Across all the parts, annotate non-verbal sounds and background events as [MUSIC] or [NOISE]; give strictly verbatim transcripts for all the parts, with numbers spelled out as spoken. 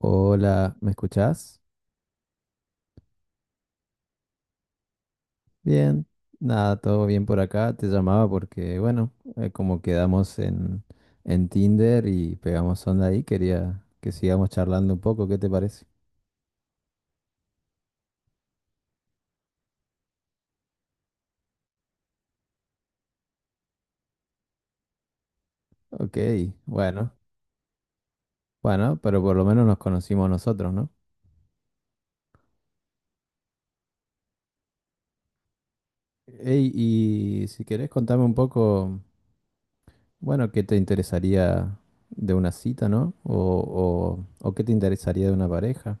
Hola, ¿me escuchás? Bien, nada, todo bien por acá. Te llamaba porque, bueno, eh, como quedamos en, en Tinder y pegamos onda ahí, quería que sigamos charlando un poco, ¿qué te parece? Ok, bueno, bueno, pero por lo menos nos conocimos nosotros, ¿no? Ey, y si querés contame un poco, bueno, ¿qué te interesaría de una cita, ¿no? O, o, o qué te interesaría de una pareja,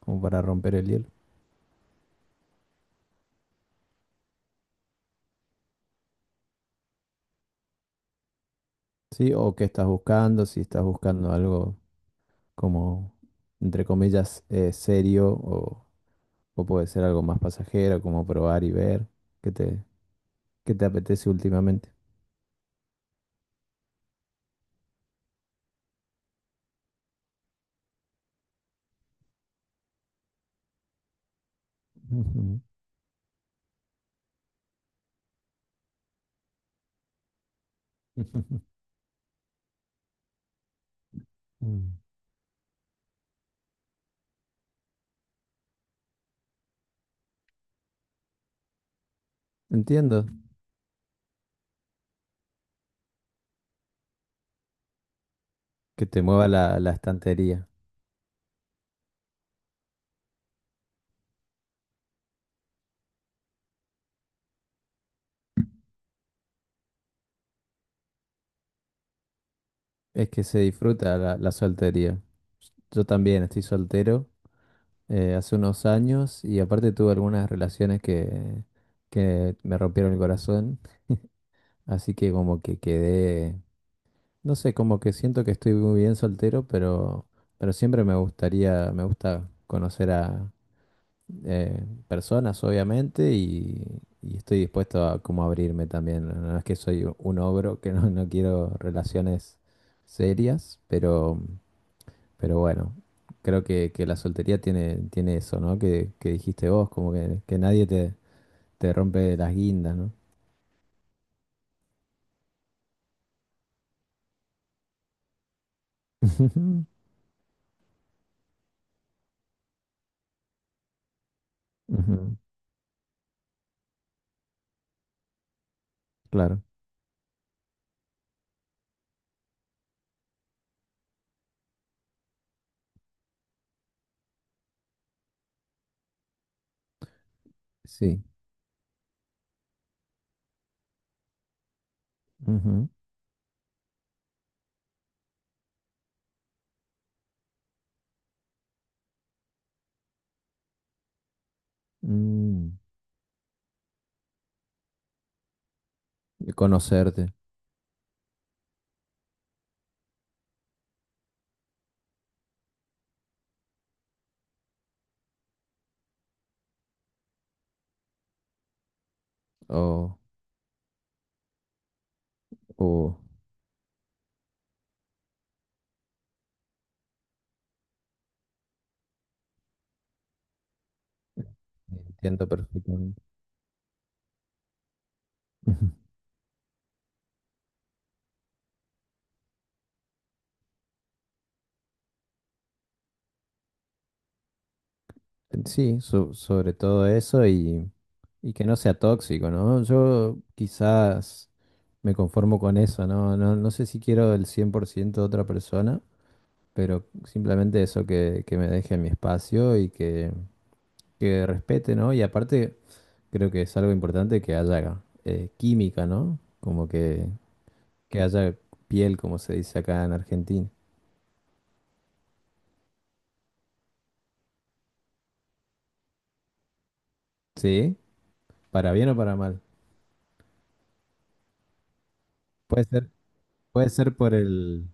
como para romper el hielo. Sí, o qué estás buscando, si estás buscando algo como, entre comillas, eh, serio o, o puede ser algo más pasajero, como probar y ver qué te, qué te apetece últimamente. Ujú. [LAUGHS] Mm. Entiendo que te mueva la, la estantería. Es que se disfruta la, la soltería. Yo también estoy soltero eh, hace unos años y aparte tuve algunas relaciones que, que me rompieron el corazón. [LAUGHS] Así que como que quedé. No sé, como que siento que estoy muy bien soltero, pero, pero siempre me gustaría, me gusta conocer a eh, personas, obviamente, y, y estoy dispuesto a como abrirme también. No es que soy u- un ogro, que no, no quiero relaciones serias, pero, pero bueno, creo que, que la soltería tiene, tiene eso, ¿no? Que, que dijiste vos, como que, que nadie te, te rompe las guindas, ¿no? [LAUGHS] Ujú, ujú, claro, sí, ujú, mm, de conocerte. O o entiendo perfectamente. [LAUGHS] Ujú. Sí, so- sobre todo eso y, y que no sea tóxico, ¿no? Yo quizás me conformo con eso, ¿no? No, no sé si quiero el cien por ciento de otra persona, pero simplemente eso que, que me deje mi espacio y que, que respete, ¿no? Y aparte creo que es algo importante que haya eh, química, ¿no? Como que, que haya piel, como se dice acá en Argentina. ¿Sí? ¿Para bien o para mal? Puede ser, puede ser por el.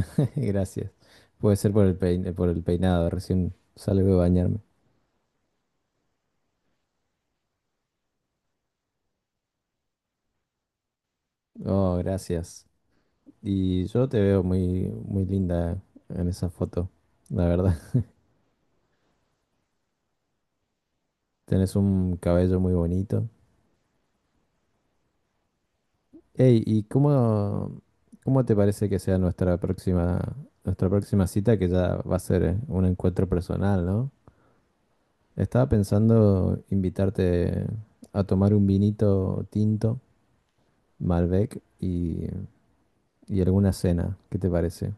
[LAUGHS] Gracias. Puede ser por el pein- eh, por el peinado. Recién salgo de bañarme. Oh, gracias. Y yo te veo muy, muy linda en esa foto, la verdad. [LAUGHS] Tenés un cabello muy bonito. Ey, ¿y cómo, cómo te parece que sea nuestra próxima, nuestra próxima cita, que ya va a ser eh, un encuentro personal, ¿no? Estaba pensando invitarte a tomar un vinito tinto, Malbec, y y alguna cena, ¿qué te parece?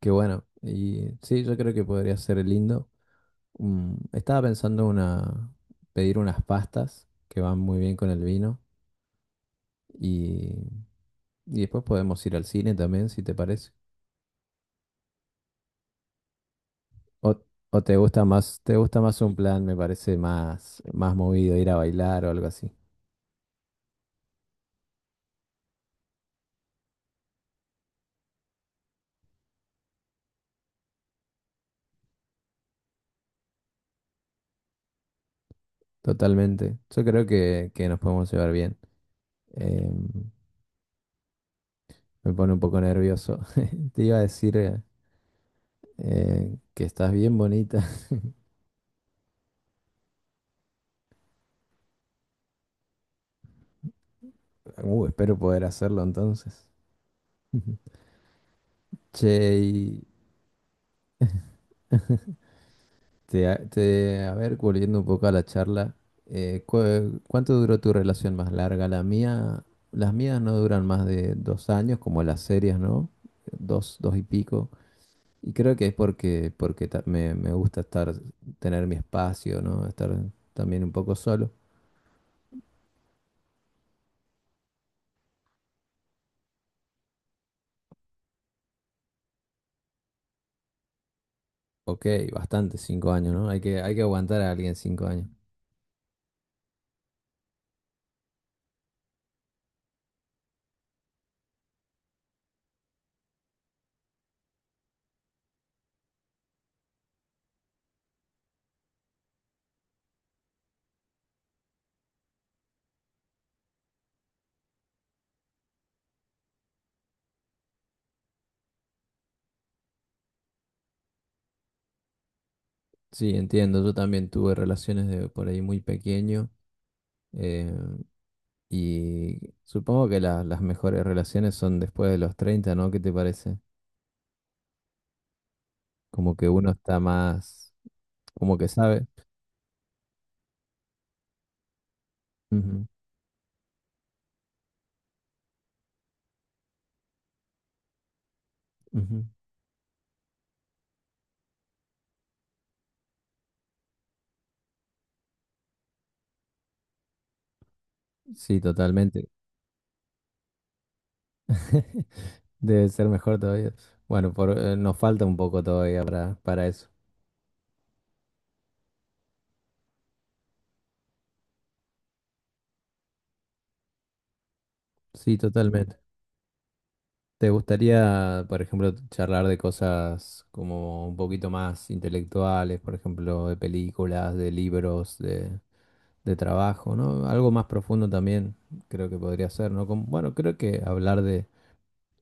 Qué bueno. Y sí, yo creo que podría ser lindo. Mm, estaba pensando una pedir unas pastas que van muy bien con el vino y, y después podemos ir al cine también, si te parece. O, o te gusta más, te gusta más un plan, me parece más, más movido, ir a bailar o algo así. Totalmente. Yo creo que, que nos podemos llevar bien. Em, me pone un poco nervioso. [LAUGHS] Te iba a decir eh, eh, que estás bien bonita. Uh, espero poder hacerlo entonces. [LAUGHS] Che, y te, a- te- a ver, volviendo un poco a la charla, eh, cu- ¿cuánto duró tu relación más larga? La mía, las mías no duran más de dos años, como las series, ¿no? Dos, dos y pico. Y creo que es porque, porque ta- me, me gusta estar, tener mi espacio, ¿no? Estar también un poco solo. Ok, bastante, cinco años, ¿no? Hay que, hay que aguantar a alguien cinco años. Sí, entiendo. Yo también tuve relaciones de por ahí muy pequeño. eh, Y supongo que la- las mejores relaciones son después de los treinta ¿no? ¿Qué te parece? Como que uno está más, como que sabe. Ujú, ujú. Sí, totalmente. [LAUGHS] Debe ser mejor todavía. Bueno, por, eh, nos falta un poco todavía para, para eso. Sí, totalmente. ¿Te gustaría, por ejemplo, charlar de cosas como un poquito más intelectuales, por ejemplo, de películas, de libros, de... de trabajo, ¿no? Algo más profundo también creo que podría ser, ¿no? Como- bueno, creo que hablar de,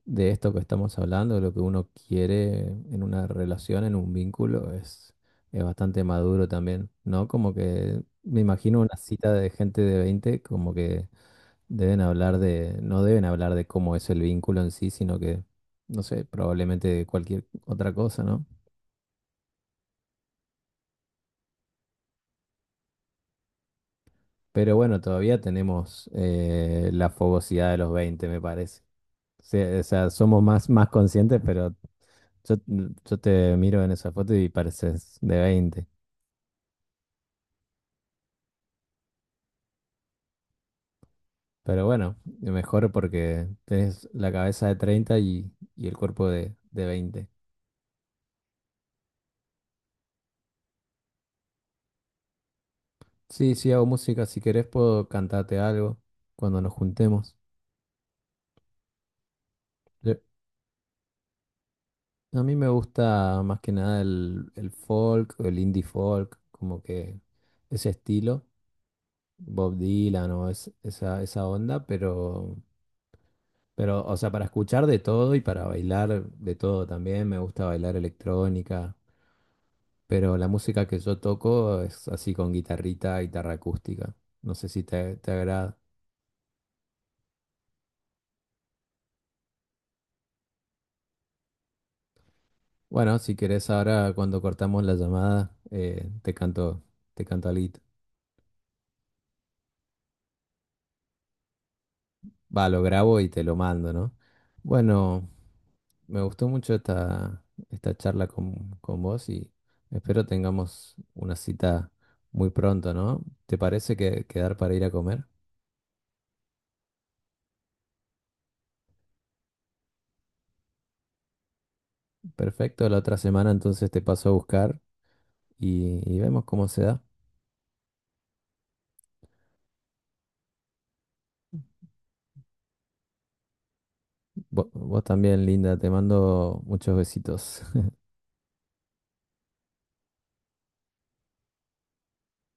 de esto que estamos hablando, de lo que uno quiere en una relación, en un vínculo, es, es bastante maduro también, ¿no? Como que me imagino una cita de gente de veinte como que deben hablar de, no deben hablar de cómo es el vínculo en sí, sino que, no sé, probablemente de cualquier otra cosa, ¿no? Pero bueno, todavía tenemos eh, la fogosidad de los veinte me parece. Sí, o sea, somos más, más conscientes, pero yo, yo te miro en esa foto y pareces de veinte. Pero bueno, mejor porque tenés la cabeza de treinta y, y el cuerpo de, de veinte. Sí, sí, hago música. Si querés, puedo cantarte algo cuando nos juntemos. Yo, a mí me gusta más que nada el, el folk, el indie folk, como que ese estilo, Bob Dylan o es- esa, esa onda, pero. Pero, o sea, para escuchar de todo y para bailar de todo también, me gusta bailar electrónica, pero la música que yo toco es así con guitarrita, guitarra acústica. No sé si te, te agrada. Bueno, si querés ahora cuando cortamos la llamada, eh, te canto, te canto algo. Va, lo grabo y te lo mando, ¿no? Bueno, me gustó mucho esta, esta charla con, con vos y espero tengamos una cita muy pronto, ¿no? ¿Te parece que quedar para ir a comer? Perfecto, la otra semana entonces te paso a buscar y, y vemos cómo se da. Vo- Vos, también, linda, te mando muchos besitos.